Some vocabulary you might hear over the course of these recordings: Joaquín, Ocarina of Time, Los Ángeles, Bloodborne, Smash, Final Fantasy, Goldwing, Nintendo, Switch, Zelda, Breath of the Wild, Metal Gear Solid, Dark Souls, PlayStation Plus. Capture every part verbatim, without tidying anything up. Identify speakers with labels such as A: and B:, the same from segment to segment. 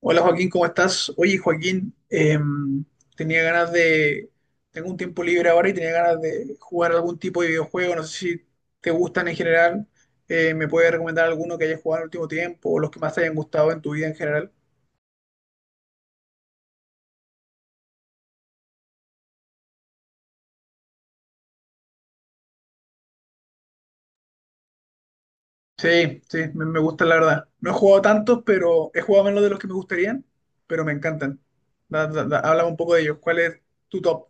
A: Hola Joaquín, ¿cómo estás? Oye Joaquín, em, tenía ganas de... Tengo un tiempo libre ahora y tenía ganas de jugar algún tipo de videojuego. No sé si te gustan en general. Eh, ¿me puedes recomendar alguno que hayas jugado en el último tiempo o los que más te hayan gustado en tu vida en general? Sí, sí, me, me gustan la verdad. No he jugado tantos, pero he jugado menos de los que me gustarían, pero me encantan. Da- da- da- háblame un poco de ellos. ¿Cuál es tu top?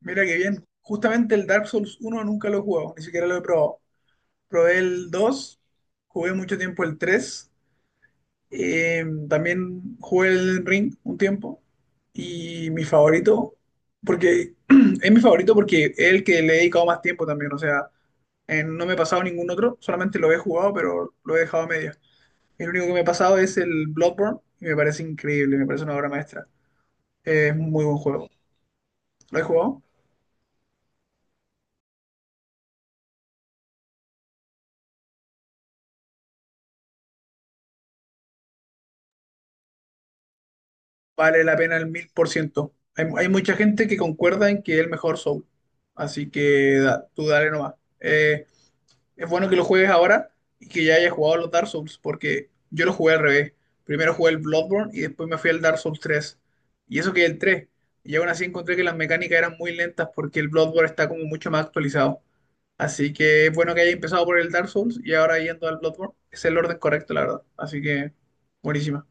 A: Mira qué bien. Justamente el Dark Souls uno nunca lo he jugado, ni siquiera lo he probado. Probé el dos. Jugué mucho tiempo el tres. Eh, también jugué el Ring un tiempo y mi favorito, porque es mi favorito porque es el que le he dedicado más tiempo también, o sea, eh, no me he pasado ningún otro, solamente lo he jugado pero lo he dejado a medias. El único que me he pasado es el Bloodborne y me parece increíble, me parece una obra maestra. Eh, es un muy buen juego. ¿Lo he jugado? Vale la pena el mil por ciento. Hay, hay mucha gente que concuerda en que es el mejor Soul. Así que da- tú dale nomás. Eh, es bueno que lo juegues ahora y que ya hayas jugado los Dark Souls, porque yo lo jugué al revés. Primero jugué el Bloodborne y después me fui al Dark Souls tres. Y eso que el tres. Y aún así encontré que las mecánicas eran muy lentas porque el Bloodborne está como mucho más actualizado. Así que es bueno que haya empezado por el Dark Souls y ahora yendo al Bloodborne. Es el orden correcto, la verdad. Así que buenísima.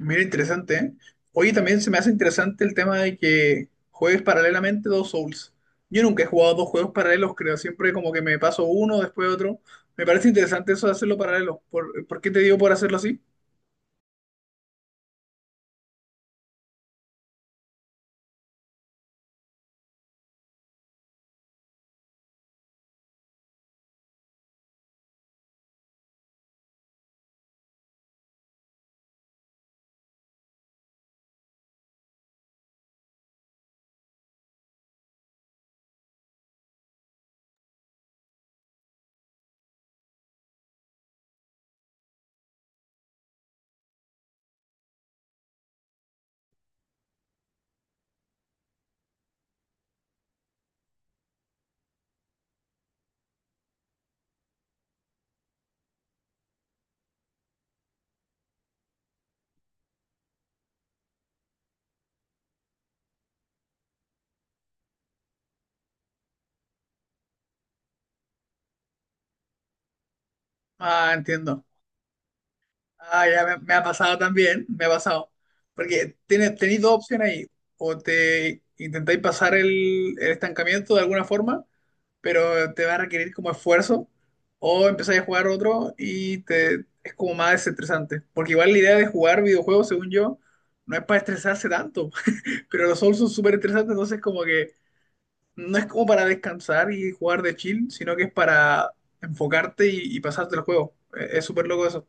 A: Mira, interesante, ¿eh? Oye, también se me hace interesante el tema de que juegues paralelamente dos Souls. Yo nunca he jugado dos juegos paralelos, creo. Siempre como que me paso uno, después otro. Me parece interesante eso de hacerlo paralelo. ¿Por, por qué te digo por hacerlo así? Ah, entiendo. Ah, ya me, me ha pasado también, me ha pasado. Porque tienes, tenéis dos opciones ahí. O te intentáis pasar el, el estancamiento de alguna forma, pero te va a requerir como esfuerzo. O empezáis a jugar otro y te, es como más desestresante. Porque igual la idea de jugar videojuegos, según yo, no es para estresarse tanto. Pero los Souls son súper estresantes, entonces como que no es como para descansar y jugar de chill, sino que es para enfocarte y, y pasarte el juego. Eh, Es súper loco eso.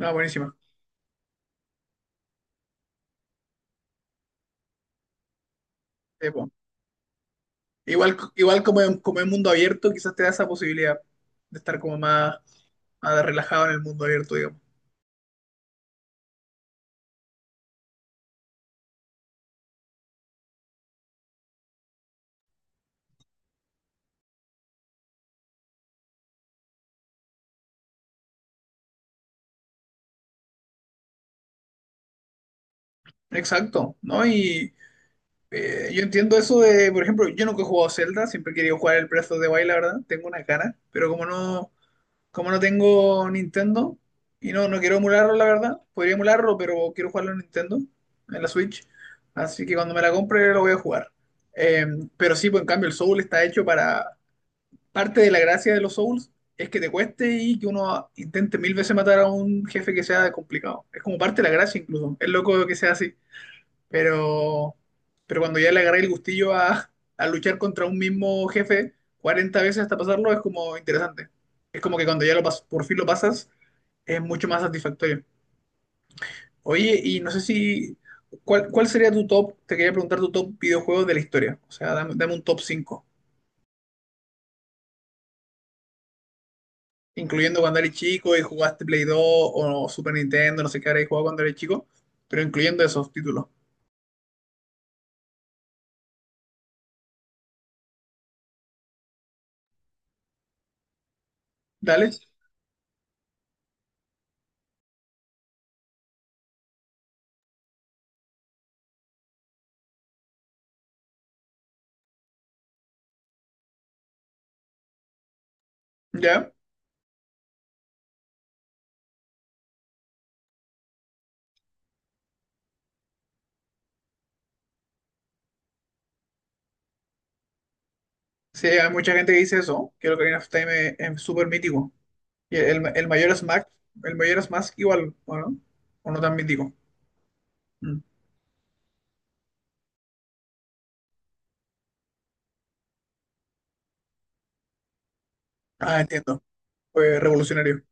A: Ah, buenísima. Igual, igual como en, como en mundo abierto, quizás te da esa posibilidad de estar como más, más relajado en el mundo abierto, digamos. Exacto, ¿no? Y eh, yo entiendo eso de, por ejemplo, yo nunca he jugado Zelda, siempre he querido jugar el Breath of the Wild, la verdad, tengo una cara, pero como no, como no tengo Nintendo y no, no quiero emularlo, la verdad, podría emularlo, pero quiero jugarlo en Nintendo, en la Switch, así que cuando me la compre lo voy a jugar. Eh, pero sí, pues en cambio el Soul está hecho para. Parte de la gracia de los Souls es que te cueste y que uno intente mil veces matar a un jefe que sea complicado. Es como parte de la gracia incluso. Es loco que sea así. Pero, pero cuando ya le agarré el gustillo a, a luchar contra un mismo jefe cuarenta veces hasta pasarlo, es como interesante. Es como que cuando ya lo pas- por fin lo pasas, es mucho más satisfactorio. Oye, y no sé si... ¿Cuál, cuál sería tu top? Te quería preguntar tu top videojuegos de la historia. O sea, dame, dame un top cinco incluyendo cuando eres chico y jugaste Play dos o Super Nintendo, no sé qué habréis jugado cuando eres chico, pero incluyendo esos títulos. Dale, ya. Sí, hay mucha gente que dice eso, que el Ocarina of Time es, es súper mítico. Y el, el mayor Smash, el mayor Smash igual, ¿o no? ¿O no tan mítico? Mm. Ah, entiendo. Fue revolucionario.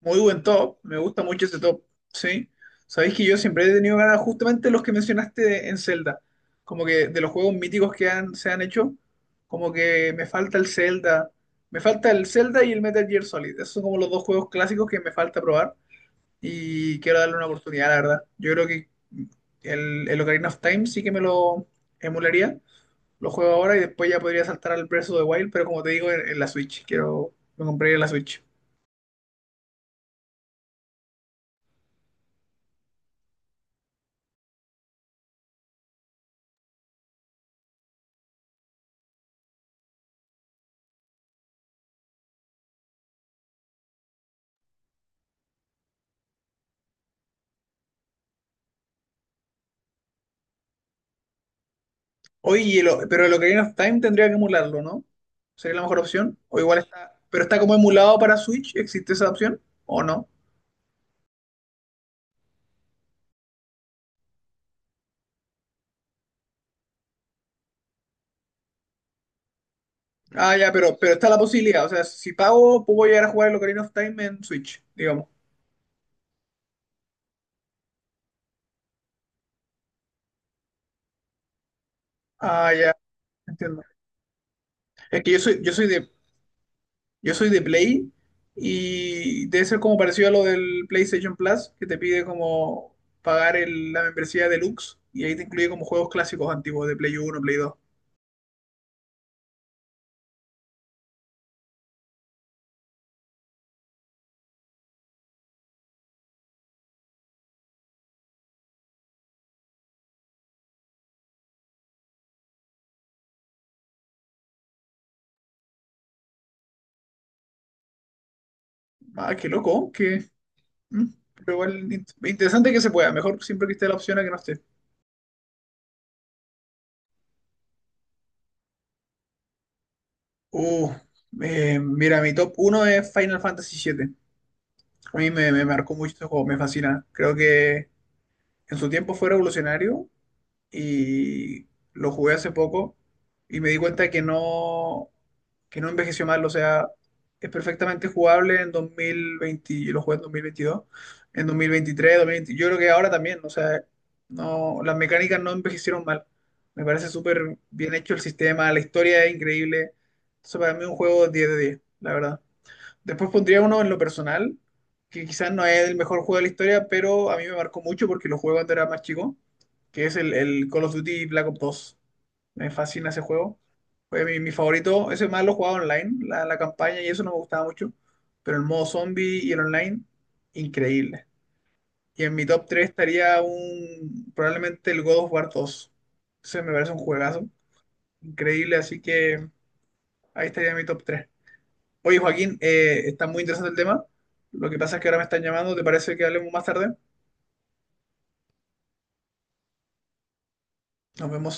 A: Muy buen top, me gusta mucho ese top, ¿sí? Sabéis que yo siempre he tenido ganas justamente los que mencionaste de- en Zelda, como que de los juegos míticos que han, se han hecho, como que me falta el Zelda, me falta el Zelda y el Metal Gear Solid, esos son como los dos juegos clásicos que me falta probar y quiero darle una oportunidad, la verdad. Yo creo que el, el Ocarina of Time sí que me lo emularía, lo juego ahora y después ya podría saltar al Breath of the Wild, pero como te digo, en, en la Switch, quiero, me compraría la Switch. Oye, y el o- pero el Ocarina of Time tendría que emularlo, ¿no? ¿Sería la mejor opción? O igual está. Pero está como emulado para Switch, ¿existe esa opción? ¿O no? Ah, ya, pero, pero está la posibilidad. O sea, si pago, puedo llegar a jugar el Ocarina of Time en Switch, digamos. Ah, ya, entiendo. Es que yo soy, yo soy de, yo soy de Play y debe ser como parecido a lo del PlayStation Plus, que te pide como pagar el- la membresía deluxe y ahí te incluye como juegos clásicos antiguos de Play Uno, Play Dos. Ah, qué loco, qué. Mm. Pero igual int- interesante que se pueda, mejor siempre que esté la opción a que no esté. Uh, eh, mira, mi top uno es Final Fantasy siete. A mí me, me marcó mucho este juego, me fascina. Creo que en su tiempo fue revolucionario y lo jugué hace poco y me di cuenta de que no, que no, envejeció mal, o sea, es perfectamente jugable en dos mil veinte, yo lo jugué en dos mil veintidós, en dos mil dos mil veinte, yo creo que ahora también, o sea, no, las mecánicas no envejecieron mal, me parece súper bien hecho el sistema, la historia es increíble, entonces para mí un juego diez de diez la verdad. Después pondría uno en lo personal, que quizás no es el mejor juego de la historia, pero a mí me marcó mucho porque lo jugué cuando era más chico, que es el, el Call of Duty Black Ops dos. Me fascina ese juego. Fue mi, mi favorito. Ese más lo jugaba online, la, la campaña, y eso no me gustaba mucho. Pero el modo zombie y el online, increíble. Y en mi top tres estaría un, probablemente el God of War dos. Ese me parece un juegazo. Increíble, así que ahí estaría mi top tres. Oye, Joaquín, eh, está muy interesante el tema. Lo que pasa es que ahora me están llamando. ¿Te parece que hablemos más tarde? Nos vemos.